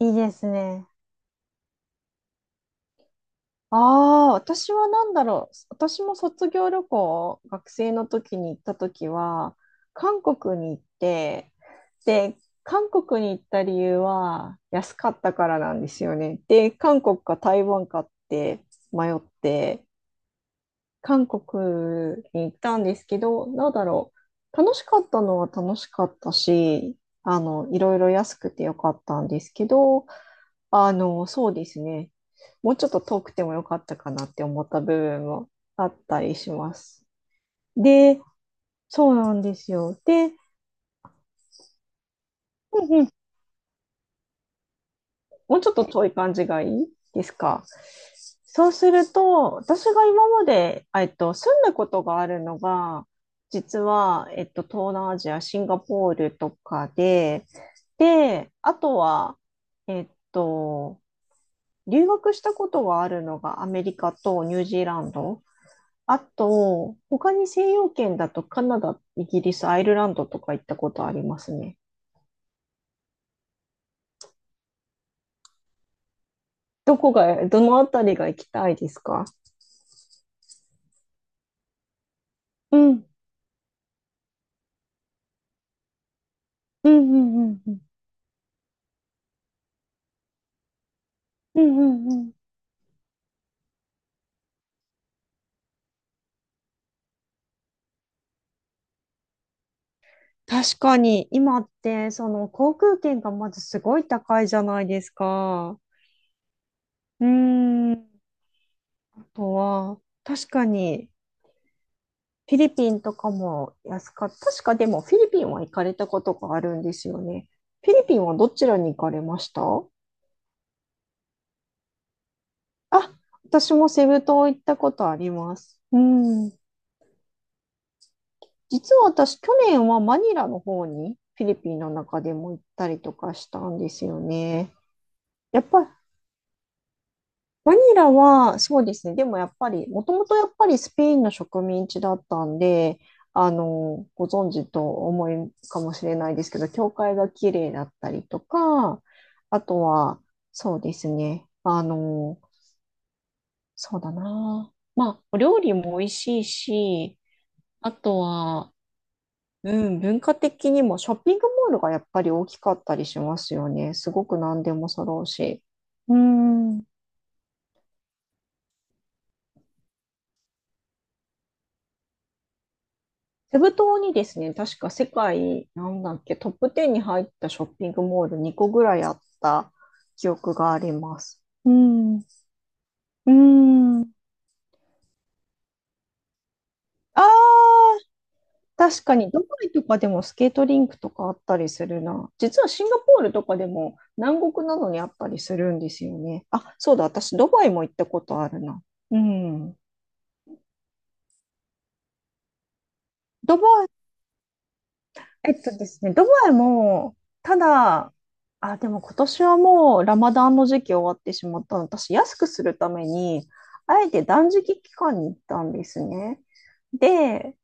いいですね。ああ、私は何だろう。私も卒業旅行、学生の時に行った時は、韓国に行って、で、韓国に行った理由は安かったからなんですよね。で、韓国か台湾かって迷って、韓国に行ったんですけど、楽しかったのは楽しかったし、いろいろ安くてよかったんですけど、そうですね。もうちょっと遠くてもよかったかなって思った部分もあったりします。で、そうなんですよ。で、もうちょっと遠い感じがいいですか？そうすると、私が今まで、住んだことがあるのが、実は、東南アジア、シンガポールとかで、で、あとは、えっと、留学したことがあるのがアメリカとニュージーランド。あと、他に西洋圏だとカナダ、イギリス、アイルランドとか行ったことありますね。どこが、どのあたりが行きたいですか？うん、うん、うん、うん。うんうんうんうん。確かに、今って、その航空券がまずすごい高いじゃないですか。うーん。あとは、確かに、フィリピンとかも安かった。確かでも、フィリピンは行かれたことがあるんですよね。フィリピンはどちらに行かれました？あ、私もセブ島行ったことあります。うん。実は私、去年はマニラの方に、フィリピンの中でも行ったりとかしたんですよね。やっぱバニラは、そうですね。でもやっぱり、もともとやっぱりスペインの植民地だったんで、ご存知と思いかもしれないですけど、教会が綺麗だったりとか、あとは、そうですね。あの、そうだな。まあ、お料理も美味しいし、あとは、うん、文化的にもショッピングモールがやっぱり大きかったりしますよね。すごく何でも揃うし。うん。セブ島にですね、確か世界、なんだっけ、トップ10に入ったショッピングモール2個ぐらいあった記憶があります。うん。うん。ああ、確かに、ドバイとかでもスケートリンクとかあったりするな。実はシンガポールとかでも南国などにあったりするんですよね。あ、そうだ、私、ドバイも行ったことあるな。うん。ドバイ、えっとですね、ドバイも、ただ、あ、でも今年はもうラマダンの時期終わってしまったの。私、安くするために、あえて断食期間に行ったんですね。で、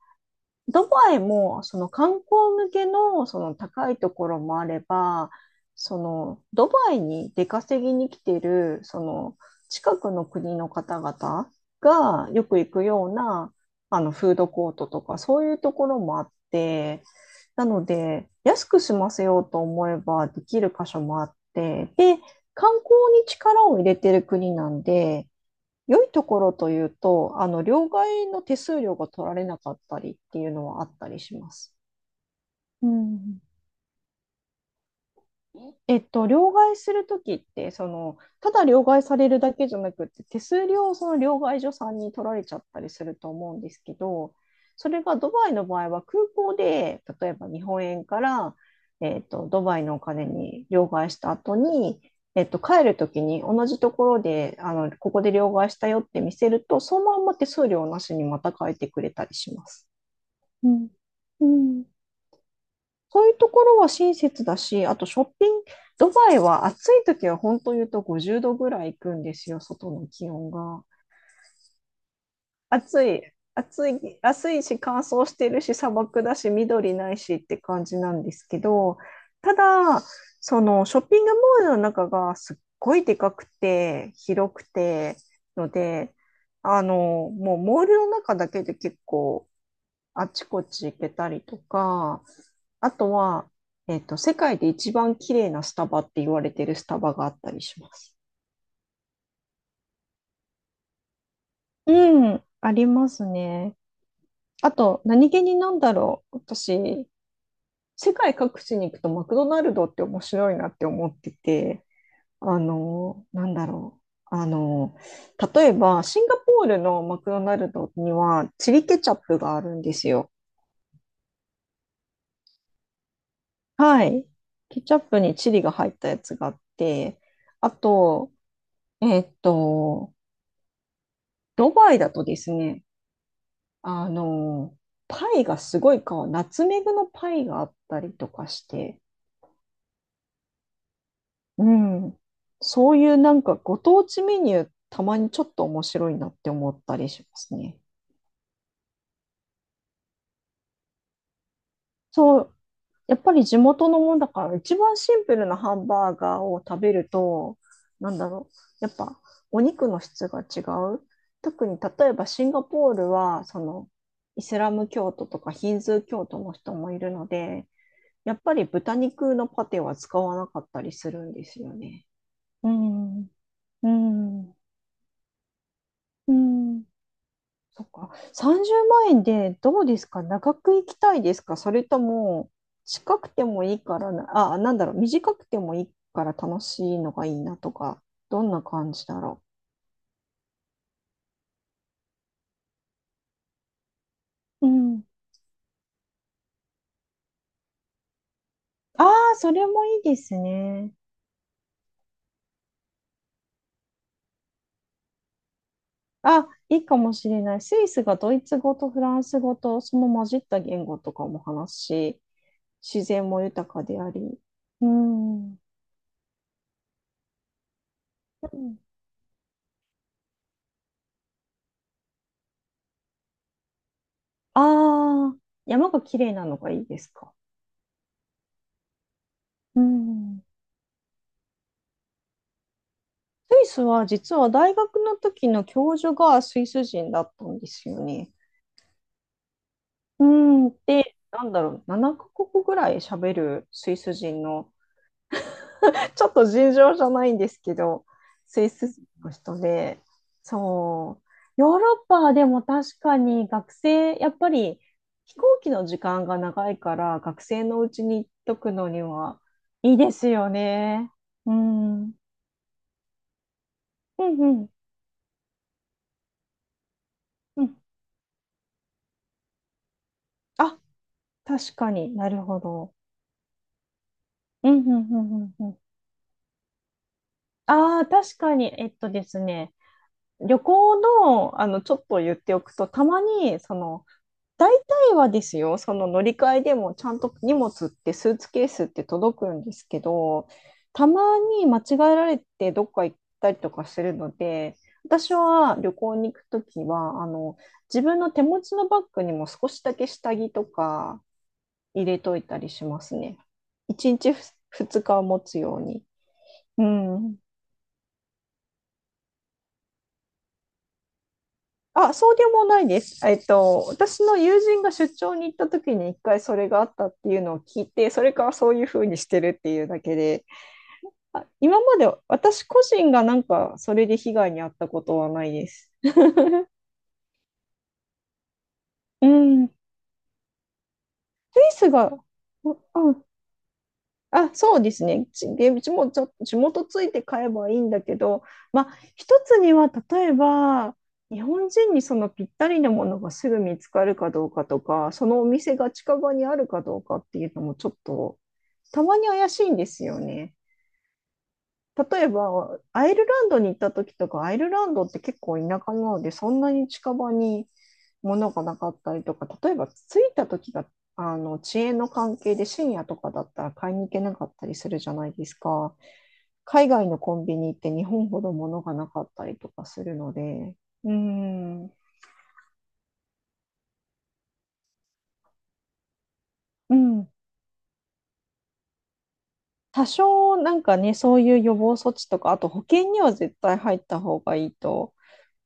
ドバイも、その観光向けの、その高いところもあれば、その、ドバイに出稼ぎに来てる、その、近くの国の方々がよく行くような、フードコートとか、そういうところもあって、なので、安く済ませようと思えばできる箇所もあって、で、観光に力を入れてる国なんで、良いところというと、両替の手数料が取られなかったりっていうのはあったりします。うん。両替するときって、その、ただ両替されるだけじゃなくって、手数料をその両替所さんに取られちゃったりすると思うんですけど、それがドバイの場合は空港で、例えば日本円から、ドバイのお金に両替した後に、帰るときに同じところで、ここで両替したよって見せると、そのまんま手数料なしにまた帰ってくれたりします。うん。うん。そういうところは親切だし、あとショッピング、ドバイは暑い時は本当言うと50度ぐらい行くんですよ、外の気温が。暑い、暑い、暑いし乾燥してるし砂漠だし緑ないしって感じなんですけど、ただ、そのショッピングモールの中がすっごいでかくて広くてので、あの、もうモールの中だけで結構あちこち行けたりとか、あとは、世界で一番綺麗なスタバって言われてるスタバがあったりします。うん、ありますね。あと、何気になんだろう。私、世界各地に行くとマクドナルドって面白いなって思ってて、あの、なんだろう。あの、例えば、シンガポールのマクドナルドにはチリケチャップがあるんですよ。はい。ケチャップにチリが入ったやつがあって、あと、えっと、ドバイだとですね、あの、パイがすごいか、ナツメグのパイがあったりとかして、うん、そういうなんかご当地メニュー、たまにちょっと面白いなって思ったりしますね。そう、やっぱり地元のもんだから、一番シンプルなハンバーガーを食べると、なんだろう、やっぱお肉の質が違う。特に例えばシンガポールは、そのイスラム教徒とかヒンズー教徒の人もいるので、やっぱり豚肉のパテは使わなかったりするんですよね。うん、うん、うん。そっか。30万円でどうですか？長く行きたいですか？それとも、近くてもいいからな、あ、なんだろう、短くてもいいから楽しいのがいいなとか、どんな感じだろう。うん。ああ、それもいいですね。あ、いいかもしれない。スイスがドイツ語とフランス語と、その混じった言語とかも話すし、自然も豊かであり。うん。ああー、山が綺麗なのがいいですか？うん。スイスは実は大学の時の教授がスイス人だったんですよね。うん、で、なんだろう、7カ国ぐらい喋るスイス人の、ちょっと尋常じゃないんですけど、スイス人の人で、そう、ヨーロッパはでも確かに学生、やっぱり飛行機の時間が長いから学生のうちに行っとくのにはいいですよね。うん。うんうん。うん。あ、確かになるほど。うんうんうんうんうん。ああ、確かに、えっとですね、旅行の、ちょっと言っておくと、たまに、その、大体はですよ、その乗り換えでも、ちゃんと荷物って、スーツケースって届くんですけど、たまに間違えられて、どっか行ったりとかするので、私は旅行に行くときは、自分の手持ちのバッグにも少しだけ下着とか入れといたりしますね。1日2日は持つように。うん。あ、そうでもないです。私の友人が出張に行った時に一回それがあったっていうのを聞いて、それからそういうふうにしてるっていうだけで、あ、今まで私個人がなんかそれで被害に遭ったことはないです。うん、スイスが、ううん、あ、そうですね。ち、で、うちもちょ、地元ついて買えばいいんだけど、まあ、一つには、例えば、日本人にそのぴったりなものがすぐ見つかるかどうかとか、そのお店が近場にあるかどうかっていうのもちょっと、たまに怪しいんですよね。例えば、アイルランドに行った時とか、アイルランドって結構田舎なので、そんなに近場にものがなかったりとか、例えば着いた時が、遅延の関係で深夜とかだったら買いに行けなかったりするじゃないですか。海外のコンビニって日本ほど物がなかったりとかするので、うーん、うん。多少なんかね、そういう予防措置とか、あと保険には絶対入った方がいいと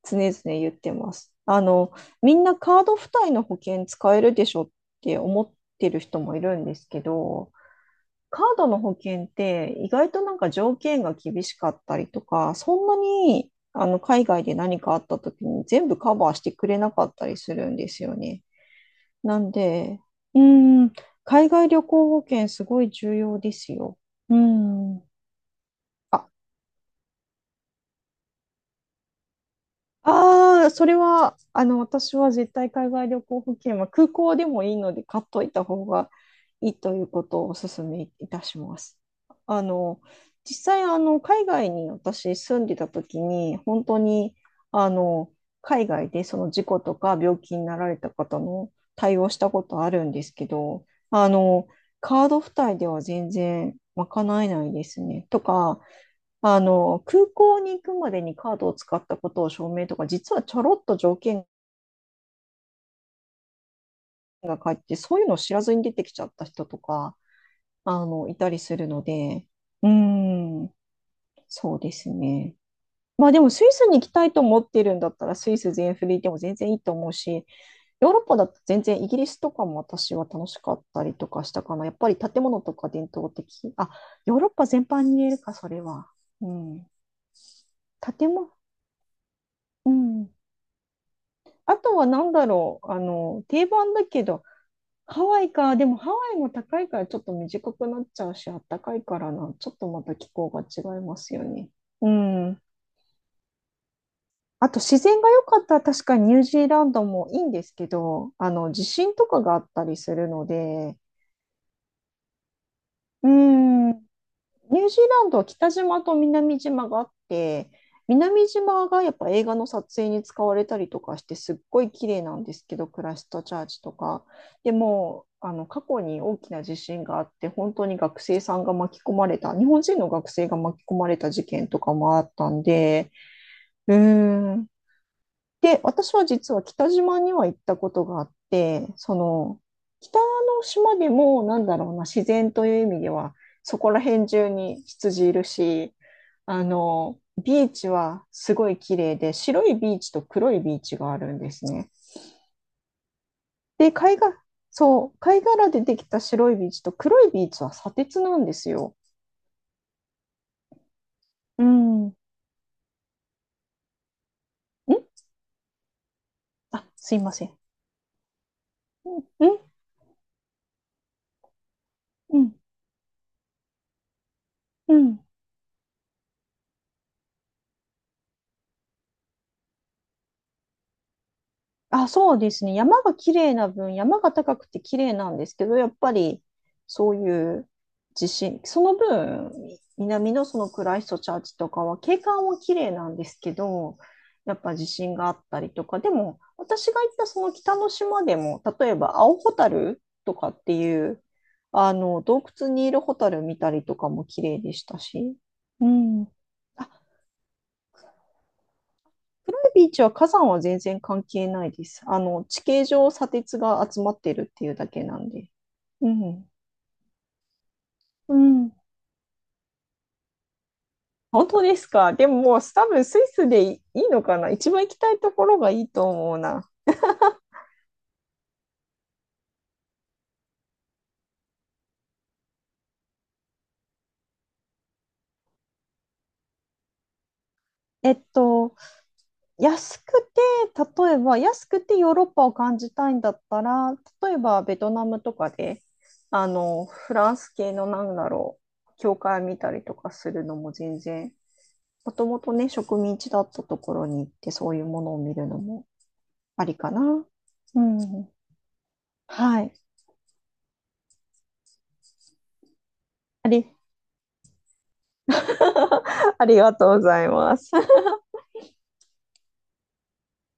常々言ってます。みんなカード付帯の保険使えるでしょって思ってる人もいるんですけど、カードの保険って意外となんか条件が厳しかったりとか、そんなに海外で何かあった時に全部カバーしてくれなかったりするんですよね。なんで、うーん、海外旅行保険すごい重要ですよ。うん。あ、ああ、それは、私は絶対海外旅行保険は空港でもいいので買っといた方がいいということをお勧めいたします。あの、実際、海外に私住んでた時に、本当に、あの、海外でその事故とか病気になられた方の対応したことあるんですけど、あの、カード付帯では全然賄えないですね。とか、空港に行くまでにカードを使ったことを証明とか、実はちょろっと条件が書いて、そういうのを知らずに出てきちゃった人とか、いたりするので、うーん、そうですね。まあでもスイスに行きたいと思ってるんだったらスイス全振りでも全然いいと思うし、ヨーロッパだと全然イギリスとかも私は楽しかったりとかしたかな。やっぱり建物とか伝統的。あ、ヨーロッパ全般に言えるか、それは。うん。建物、うん。あとはなんだろう、定番だけど、ハワイか、でもハワイも高いからちょっと短くなっちゃうし、あったかいからな、ちょっとまた気候が違いますよね。うん。あと自然が良かったら確かにニュージーランドもいいんですけど、地震とかがあったりするので、うん。ニュージーランドは北島と南島があって、南島がやっぱ映画の撮影に使われたりとかしてすっごい綺麗なんですけど、クライストチャーチとか。でも、あの過去に大きな地震があって、本当に学生さんが巻き込まれた、日本人の学生が巻き込まれた事件とかもあったんで、うーん、で、私は実は北島には行ったことがあって、その、北の島でも、なんだろうな、自然という意味では、そこら辺中に羊いるし、ビーチはすごい綺麗で、白いビーチと黒いビーチがあるんですね。で、貝が、そう、貝殻でできた白いビーチと黒いビーチは砂鉄なんですよ。うん。んあ、すいません。んうん。うん。あ、そうですね。山が綺麗な分、山が高くて綺麗なんですけど、やっぱりそういう地震、その分、南のそのクライストチャーチとかは景観は綺麗なんですけど、やっぱ地震があったりとか、でも私が行ったその北の島でも、例えば青ホタルとかっていう、あの洞窟にいるホタル見たりとかも綺麗でしたし、うん。あ、暗いビーチは火山は全然関係ないです。地形上砂鉄が集まってるっていうだけなんで。うん。うん。本当ですか。でももう多分スイスでいいいのかな。一番行きたいところがいいと思うな。えっと、安くて、例えば安くてヨーロッパを感じたいんだったら、例えばベトナムとかで、フランス系のなんだろう、教会見たりとかするのも全然もともとね、植民地だったところに行って、そういうものを見るのもありかな。うん。はい。あり、ありがとうございます。